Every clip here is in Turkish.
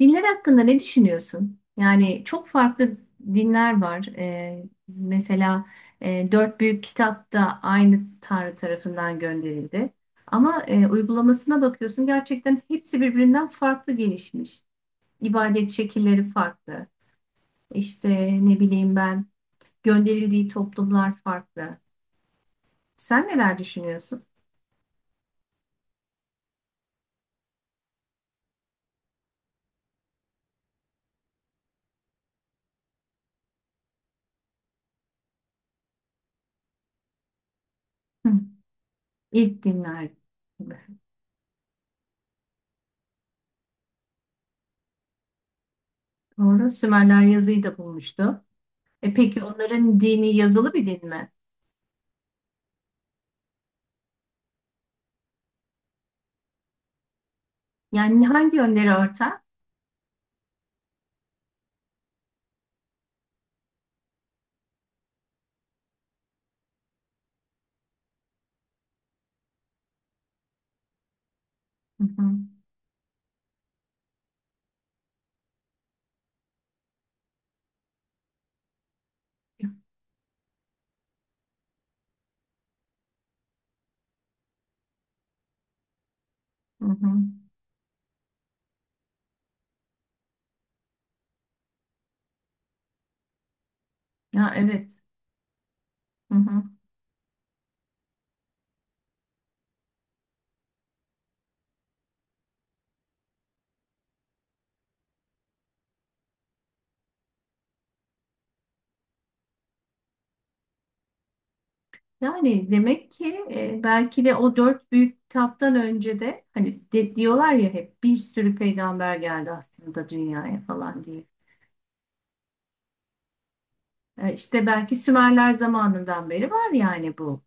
Dinler hakkında ne düşünüyorsun? Yani çok farklı dinler var. Mesela dört büyük kitap da aynı Tanrı tarafından gönderildi. Ama uygulamasına bakıyorsun gerçekten hepsi birbirinden farklı gelişmiş. İbadet şekilleri farklı. İşte ne bileyim ben gönderildiği toplumlar farklı. Sen neler düşünüyorsun? Hı. İlk dinler. Gibi. Doğru. Sümerler yazıyı da bulmuştu. E peki onların dini yazılı bir din mi? Yani hangi yönleri ortak? Hı hı. Hı hı. Ya evet. Hı hı. Yani demek ki belki de o dört büyük kitaptan önce de hani diyorlar ya hep bir sürü peygamber geldi aslında dünyaya falan diye. İşte belki Sümerler zamanından beri var yani bu.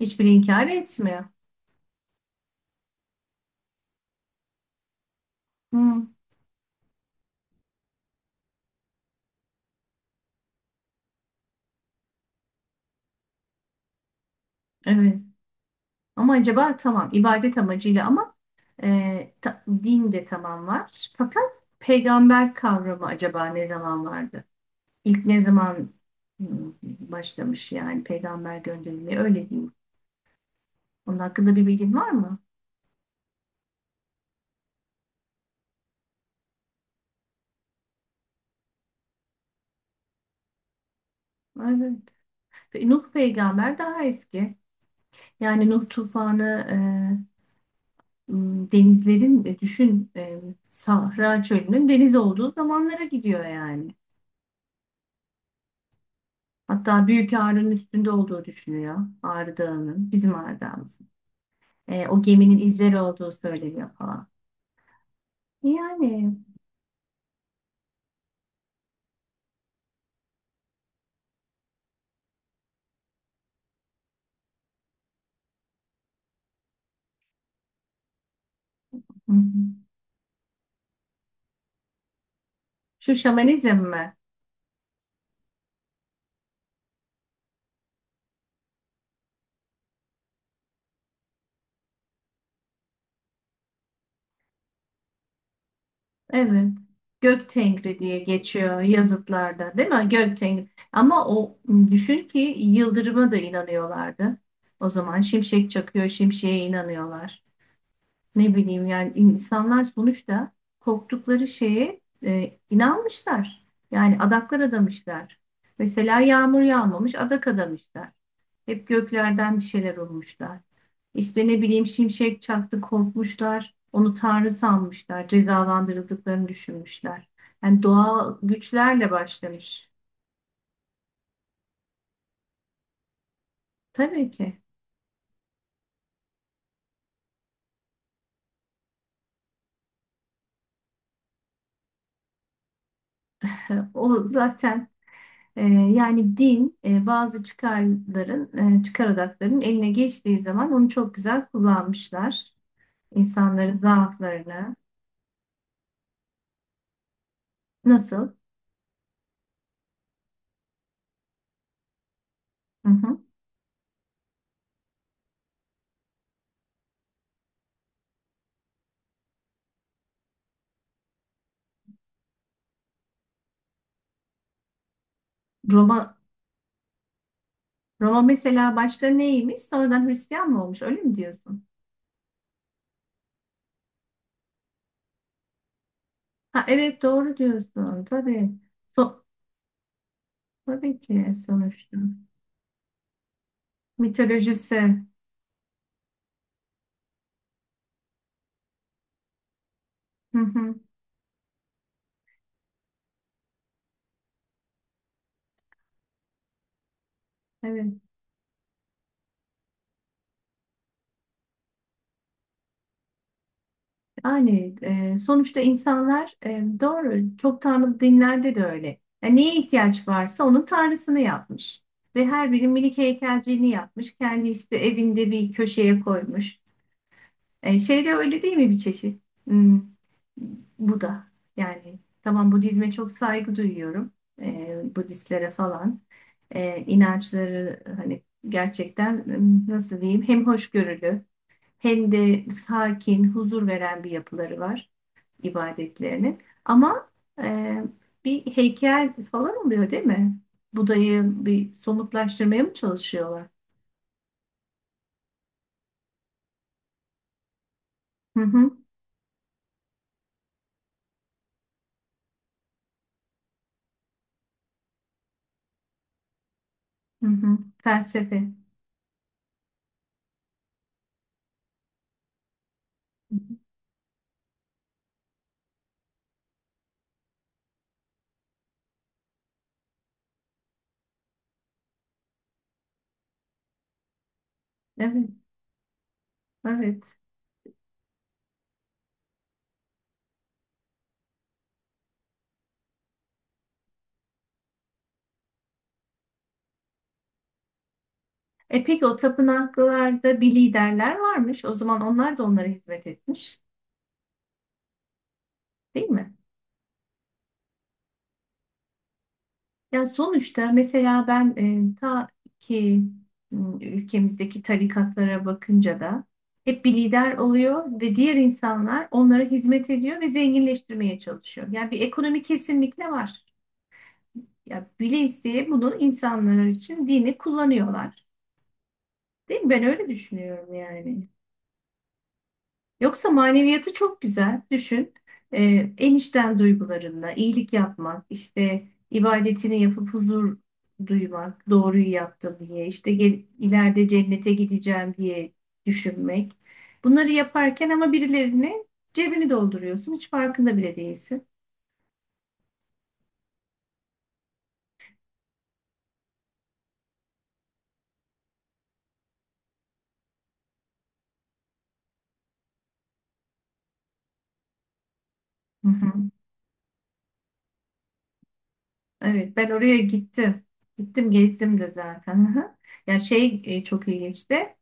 Hiçbiri inkar etmiyor. Hı, evet. Ama acaba tamam ibadet amacıyla ama din de tamam var. Fakat peygamber kavramı acaba ne zaman vardı? İlk ne zaman başlamış yani peygamber gönderilmeye öyle diyeyim. Onun hakkında bir bilgin var mı? Evet. Nuh peygamber daha eski. Yani Nuh tufanı denizlerin düşün Sahra çölünün deniz olduğu zamanlara gidiyor yani. Hatta Büyük Ağrı'nın üstünde olduğu düşünüyor. Ağrı Dağı'nın bizim Ağrı Dağımızın. O geminin izleri olduğu söyleniyor falan. Yani hı hı. Şu şamanizm mi? Evet. Gök Tengri diye geçiyor yazıtlarda, değil mi? Gök Tengri. Ama o düşün ki yıldırıma da inanıyorlardı. O zaman şimşek çakıyor, şimşeğe inanıyorlar. Ne bileyim yani insanlar sonuçta korktukları şeye inanmışlar. Yani adaklar adamışlar. Mesela yağmur yağmamış, adak adamışlar. Hep göklerden bir şeyler olmuşlar. İşte ne bileyim şimşek çaktı korkmuşlar. Onu tanrı sanmışlar. Cezalandırıldıklarını düşünmüşler. Yani doğal güçlerle başlamış. Tabii ki. O zaten yani din bazı çıkarların, çıkar odaklarının eline geçtiği zaman onu çok güzel kullanmışlar. İnsanların zaaflarını. Nasıl? Hı hı. Roma, Roma mesela başta neymiş? Sonradan Hristiyan mı olmuş? Öyle mi diyorsun? Ha, evet doğru diyorsun tabii. So- tabii ki sonuçta. Mitolojisi. Hı hı, evet. Yani sonuçta insanlar doğru çok tanrı dinlerde de öyle. Yani neye ihtiyaç varsa onun tanrısını yapmış. Ve her biri minik heykelciğini yapmış. Kendi işte evinde bir köşeye koymuş. Şey de öyle değil mi bir çeşit? Bu da yani tamam Budizme çok saygı duyuyorum. Budistlere falan. E, inançları hani gerçekten nasıl diyeyim hem hoşgörülü hem de sakin, huzur veren bir yapıları var ibadetlerinin. Ama e, bir heykel falan oluyor değil mi? Buda'yı bir somutlaştırmaya mı çalışıyorlar? Hı hı, hı hı. Felsefe. Hı hı. Evet, evet. E peki o tapınaklarda bir liderler varmış. O zaman onlar da onlara hizmet etmiş, değil mi? Ya sonuçta mesela ben ta ki ülkemizdeki tarikatlara bakınca da hep bir lider oluyor ve diğer insanlar onlara hizmet ediyor ve zenginleştirmeye çalışıyor. Yani bir ekonomi kesinlikle var. Ya bile isteye bunu insanlar için dini kullanıyorlar. Değil mi? Ben öyle düşünüyorum yani. Yoksa maneviyatı çok güzel. Düşün. En içten duygularınla iyilik yapmak, işte ibadetini yapıp huzur duymak, doğruyu yaptım diye, işte gel, ileride cennete gideceğim diye düşünmek. Bunları yaparken ama birilerine cebini dolduruyorsun. Hiç farkında bile değilsin. Hı hı. Evet, ben oraya gittim. Gittim, gezdim de zaten. Hı hı. Ya şey çok ilginçti.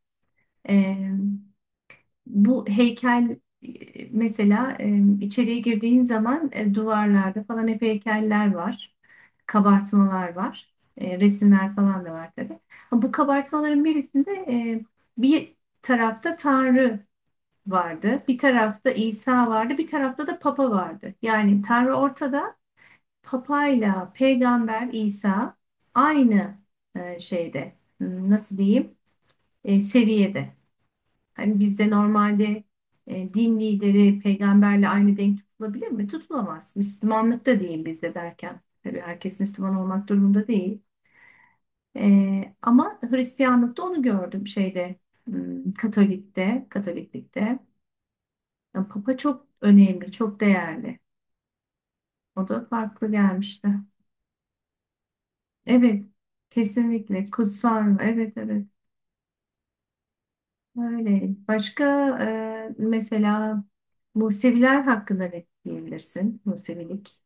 Bu heykel mesela içeriye girdiğin zaman duvarlarda falan hep heykeller var. Kabartmalar var. Resimler falan da var tabii. Ha, bu kabartmaların birisinde bir tarafta Tanrı vardı, bir tarafta İsa vardı, bir tarafta da Papa vardı. Yani Tanrı ortada, Papa'yla Peygamber İsa aynı şeyde, nasıl diyeyim, seviyede. Hani bizde normalde din lideri peygamberle aynı denk tutulabilir mi? Tutulamaz. Müslümanlık da değil bizde derken. Tabii herkes Müslüman olmak durumunda değil. Ama Hristiyanlıkta onu gördüm şeyde Katolik'te, Katoliklikte. Yani Papa çok önemli, çok değerli. O da farklı gelmişti. Evet, kesinlikle. Kutsal. Evet, evet. Öyle. Başka mesela Museviler hakkında ne diyebilirsin? Musevilik.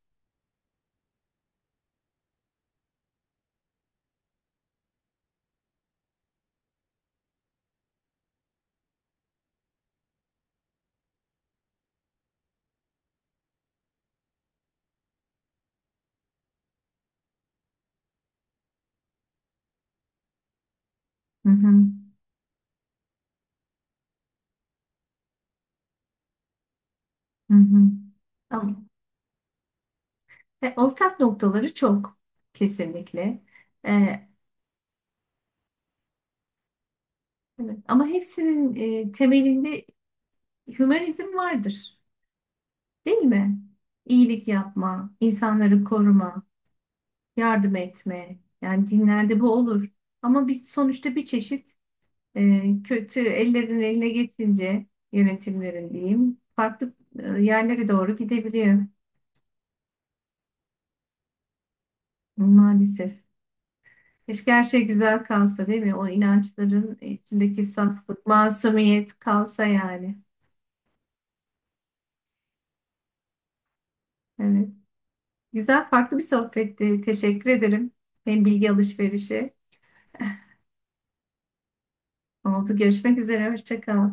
Hı hı, hı hı. Ama, ve ortak noktaları çok kesinlikle. Ee, evet. Ama hepsinin temelinde hümanizm vardır, değil mi? İyilik yapma, insanları koruma, yardım etme. Yani dinlerde bu olur. Ama biz sonuçta bir çeşit kötü ellerin eline geçince yönetimlerin diyeyim farklı yerlere doğru gidebiliyor maalesef. Keşke her şey güzel kalsa değil mi? O inançların içindeki saflık, masumiyet kalsa yani. Evet. Güzel, farklı bir sohbetti. Teşekkür ederim. Hem bilgi alışverişi oldu. Görüşmek üzere. Hoşça kal.